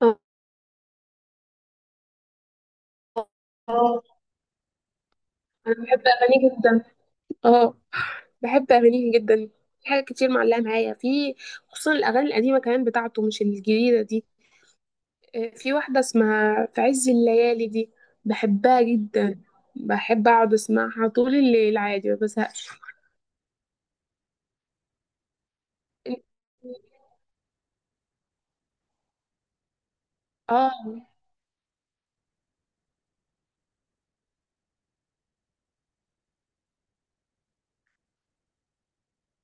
اه. آه. انا بحب اغانيه جدا. اه. بحب اغانيه جدا. في حاجات كتير معلقه معايا في، خصوصا الاغاني القديمه كمان بتاعته، مش الجديده دي. في واحده اسمها في عز الليالي دي. بحبها جدا. بحب اقعد اسمعها طول الليل عادي، ما بزهقش. اه،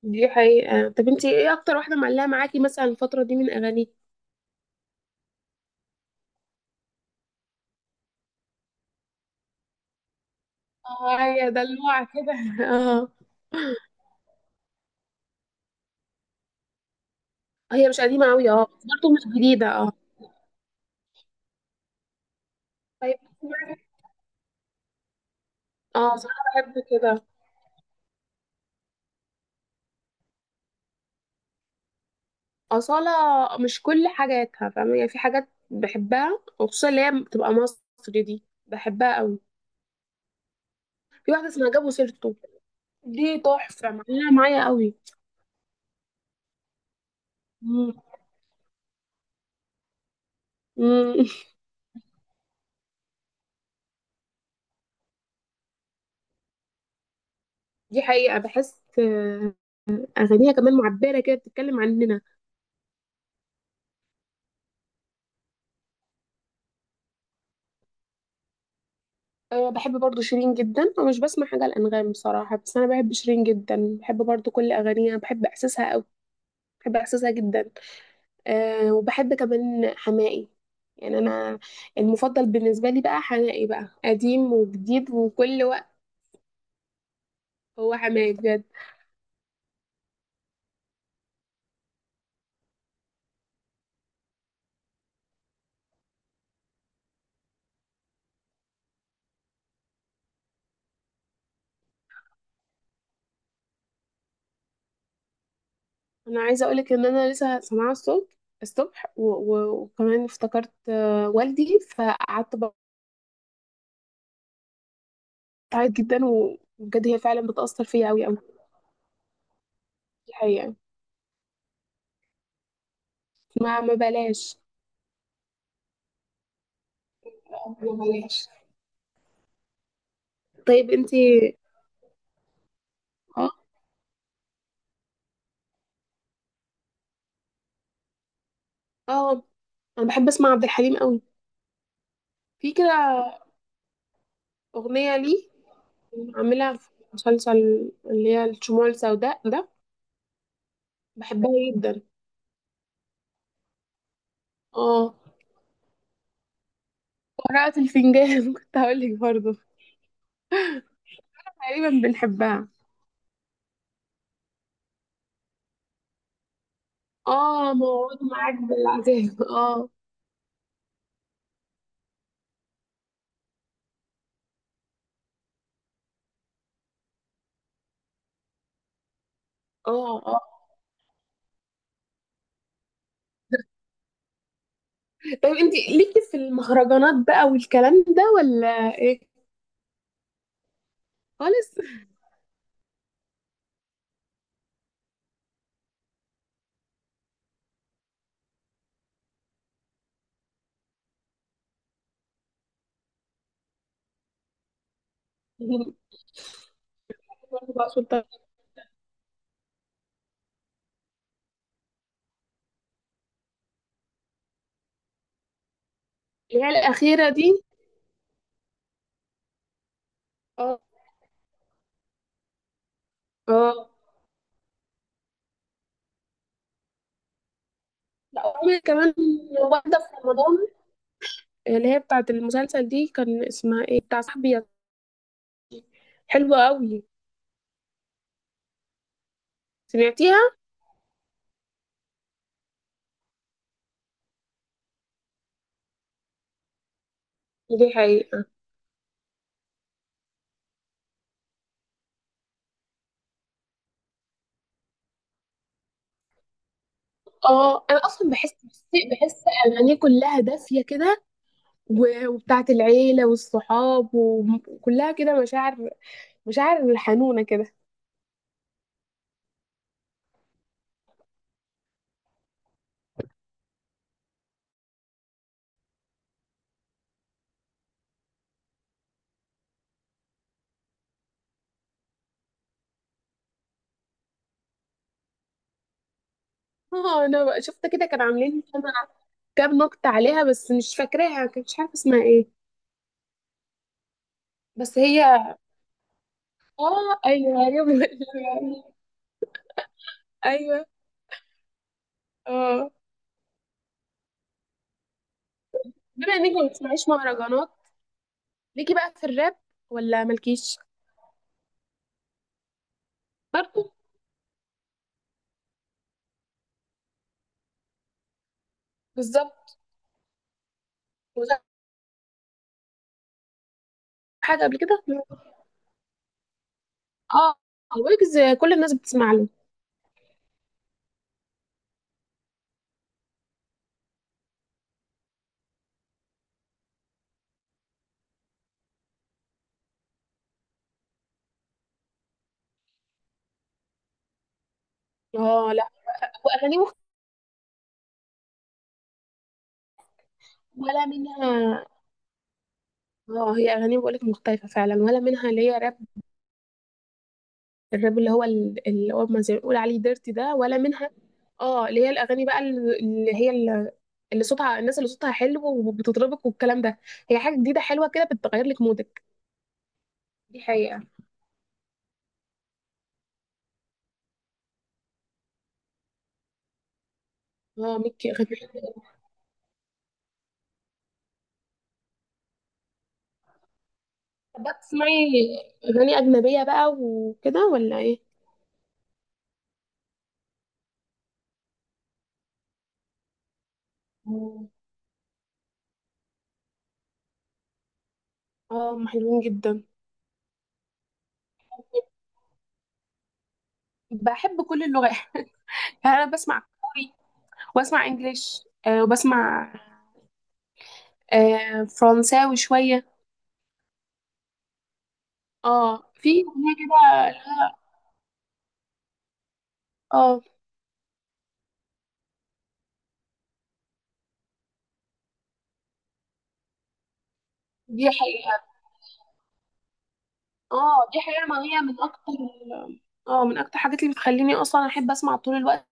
دي حقيقة. طب انتي ايه اكتر واحدة معلقة معاكي مثلا الفترة دي من اغانيه؟ اه، هي دلوعة كده. اه. هي مش قديمة اوي، اه، بس برضه مش جديدة. اه. طيب. اه، اصل انا بحب كده. اصاله. مش كل حاجاتها فاهمه، يعني في حاجات بحبها، وخصوصا اللي هي بتبقى مصري دي بحبها قوي. في واحده اسمها جابوا سيرته. دي تحفه معلقه معايا قوي. مم. مم. دي حقيقه، بحس اغانيها كمان معبره كده، بتتكلم عننا. أه، بحب برضو شيرين جدا، ومش بسمع حاجه الانغام بصراحه، بس انا بحب شيرين جدا، بحب برضو كل اغانيها، بحب احساسها قوي. بحب احساسها جدا. أه، وبحب كمان حماقي. يعني انا، المفضل بالنسبه لي بقى حماقي، بقى قديم وجديد وكل وقت. هو حماقي بجد. انا عايزه اقولك ان انا لسه سامعاه الصبح. الصبح و- و- وكمان افتكرت والدي، فقعدت بعيط جدا، و- وبجد هي فعلا بتاثر فيا قوي قوي. الحقيقه. ما بلاش. ما بلاش. طيب انتي. اه. اه. انا بحب اسمع عبد الحليم قوي. في كده اغنيه ليه عاملها في مسلسل، اللي هي الشموع السوداء ده. بحبها جدا. اه، قراءة الفنجان، كنت هقولك برضو. تقريبا بنحبها. اه، موعود معاك بالعذاب. اه. اه. اه. طيب انت ليكي في المهرجانات بقى والكلام ده، ولا ايه؟ خالص. برضو بقى سلطان. اللي هي الأخيرة دي. اه. اه. لا، وعملت كمان واحدة في رمضان، اللي هي بتاعة المسلسل دي، كان اسمها ايه، بتاع صاحبي. حلوة قوي. سمعتيها. دي حقيقة. اه، انا اصلا بحس، اغانيه كلها دافيه كده، و- وبتاعت العيله والصحاب، وكلها كده مشاعر. مشاعر حنونه كده. اه، انا بقى شفت كده كانوا عاملين كام نكته عليها، بس مش فاكراها، كنت مش عارفه اسمها ايه. بس هي، اه، ايوه، ايوه. ايوه. اه، بما انك ما بتسمعيش مهرجانات، ليكي بقى في الراب ولا مالكيش؟ برضه. بالظبط. وزي حاجه قبل كده. اه، ويجز كل الناس بتسمع له. اه لا، واغانيه مختلفه ولا منها. اه، هي اغانيه بقولك مختلفه فعلا، ولا منها اللي هي راب. الراب اللي هو ما زي ما بيقول عليه ديرتي ده، ولا منها. اه، اللي هي الاغاني بقى اللي صوتها، الناس اللي صوتها حلو وبتطربك والكلام ده. هي حاجه جديده حلوه كده، بتغير لك مودك. دي حقيقة. اه، ميكي اغاني. طب بقى بتسمعي اغاني اجنبيه بقى وكده، ولا ايه؟ مم. اه، هم حلوين جدا. بحب كل اللغات. يعني انا بسمع كوري، واسمع انجليش، وبسمع فرنساوي شوية. اه، في أغنية كده، لا. اه، دي حقيقة. اه، دي حقيقة، ما هي من أكتر من أكتر الحاجات اللي بتخليني أصلا أحب أسمع طول الوقت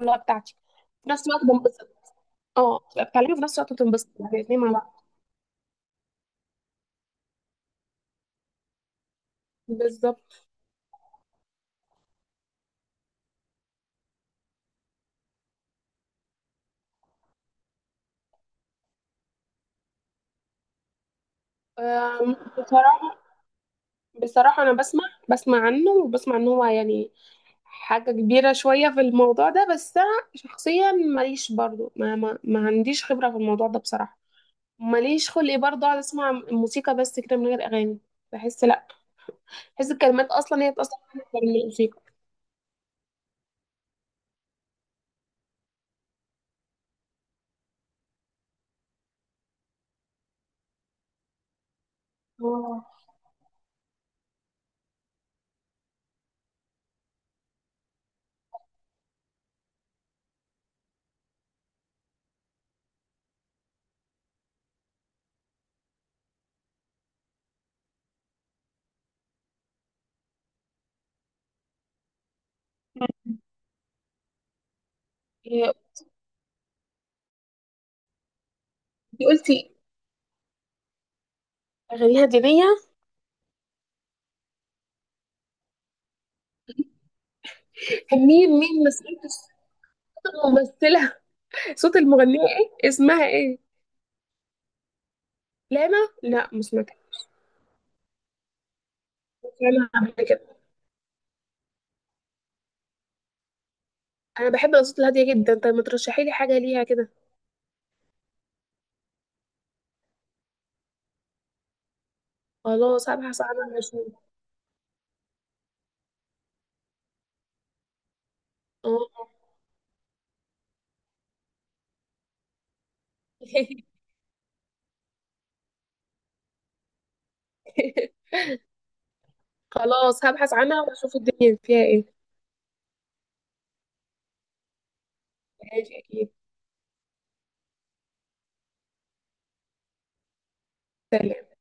اللغة بتاعتي. في نفس الوقت بنبسط. اه، بتبقى بتعلمي في نفس الوقت بتنبسط، الاتنين مع بعض. بالظبط. آم، بصراحة، أنا بسمع، عنه، وبسمع إن هو يعني حاجة كبيرة شوية في الموضوع ده، بس أنا شخصيا ماليش برضو، ما عنديش خبرة في الموضوع ده بصراحة. ماليش خلق برضه اقعد اسمع موسيقى بس كده، من غير اغاني. بحس لا، بحس الكلمات اصلا هي بتاثر عليا أكتر من الموسيقى. اه. إيه، انتي قلتي اغانيها دينيه. كان مين مسؤولة صوت الممثله. صوت المغنيه ايه، اسمها ايه؟ لانا. لا، ما سمعتها. انا قبل كده، انا بحب الاصوات الهاديه جدا. طب ما ترشحي لي حاجه ليها كده. خلاص، هبحث عنها واشوف. اه. خلاص، هبحث عنها واشوف الدنيا فيها ايه. ماشي، اكيد. سلام.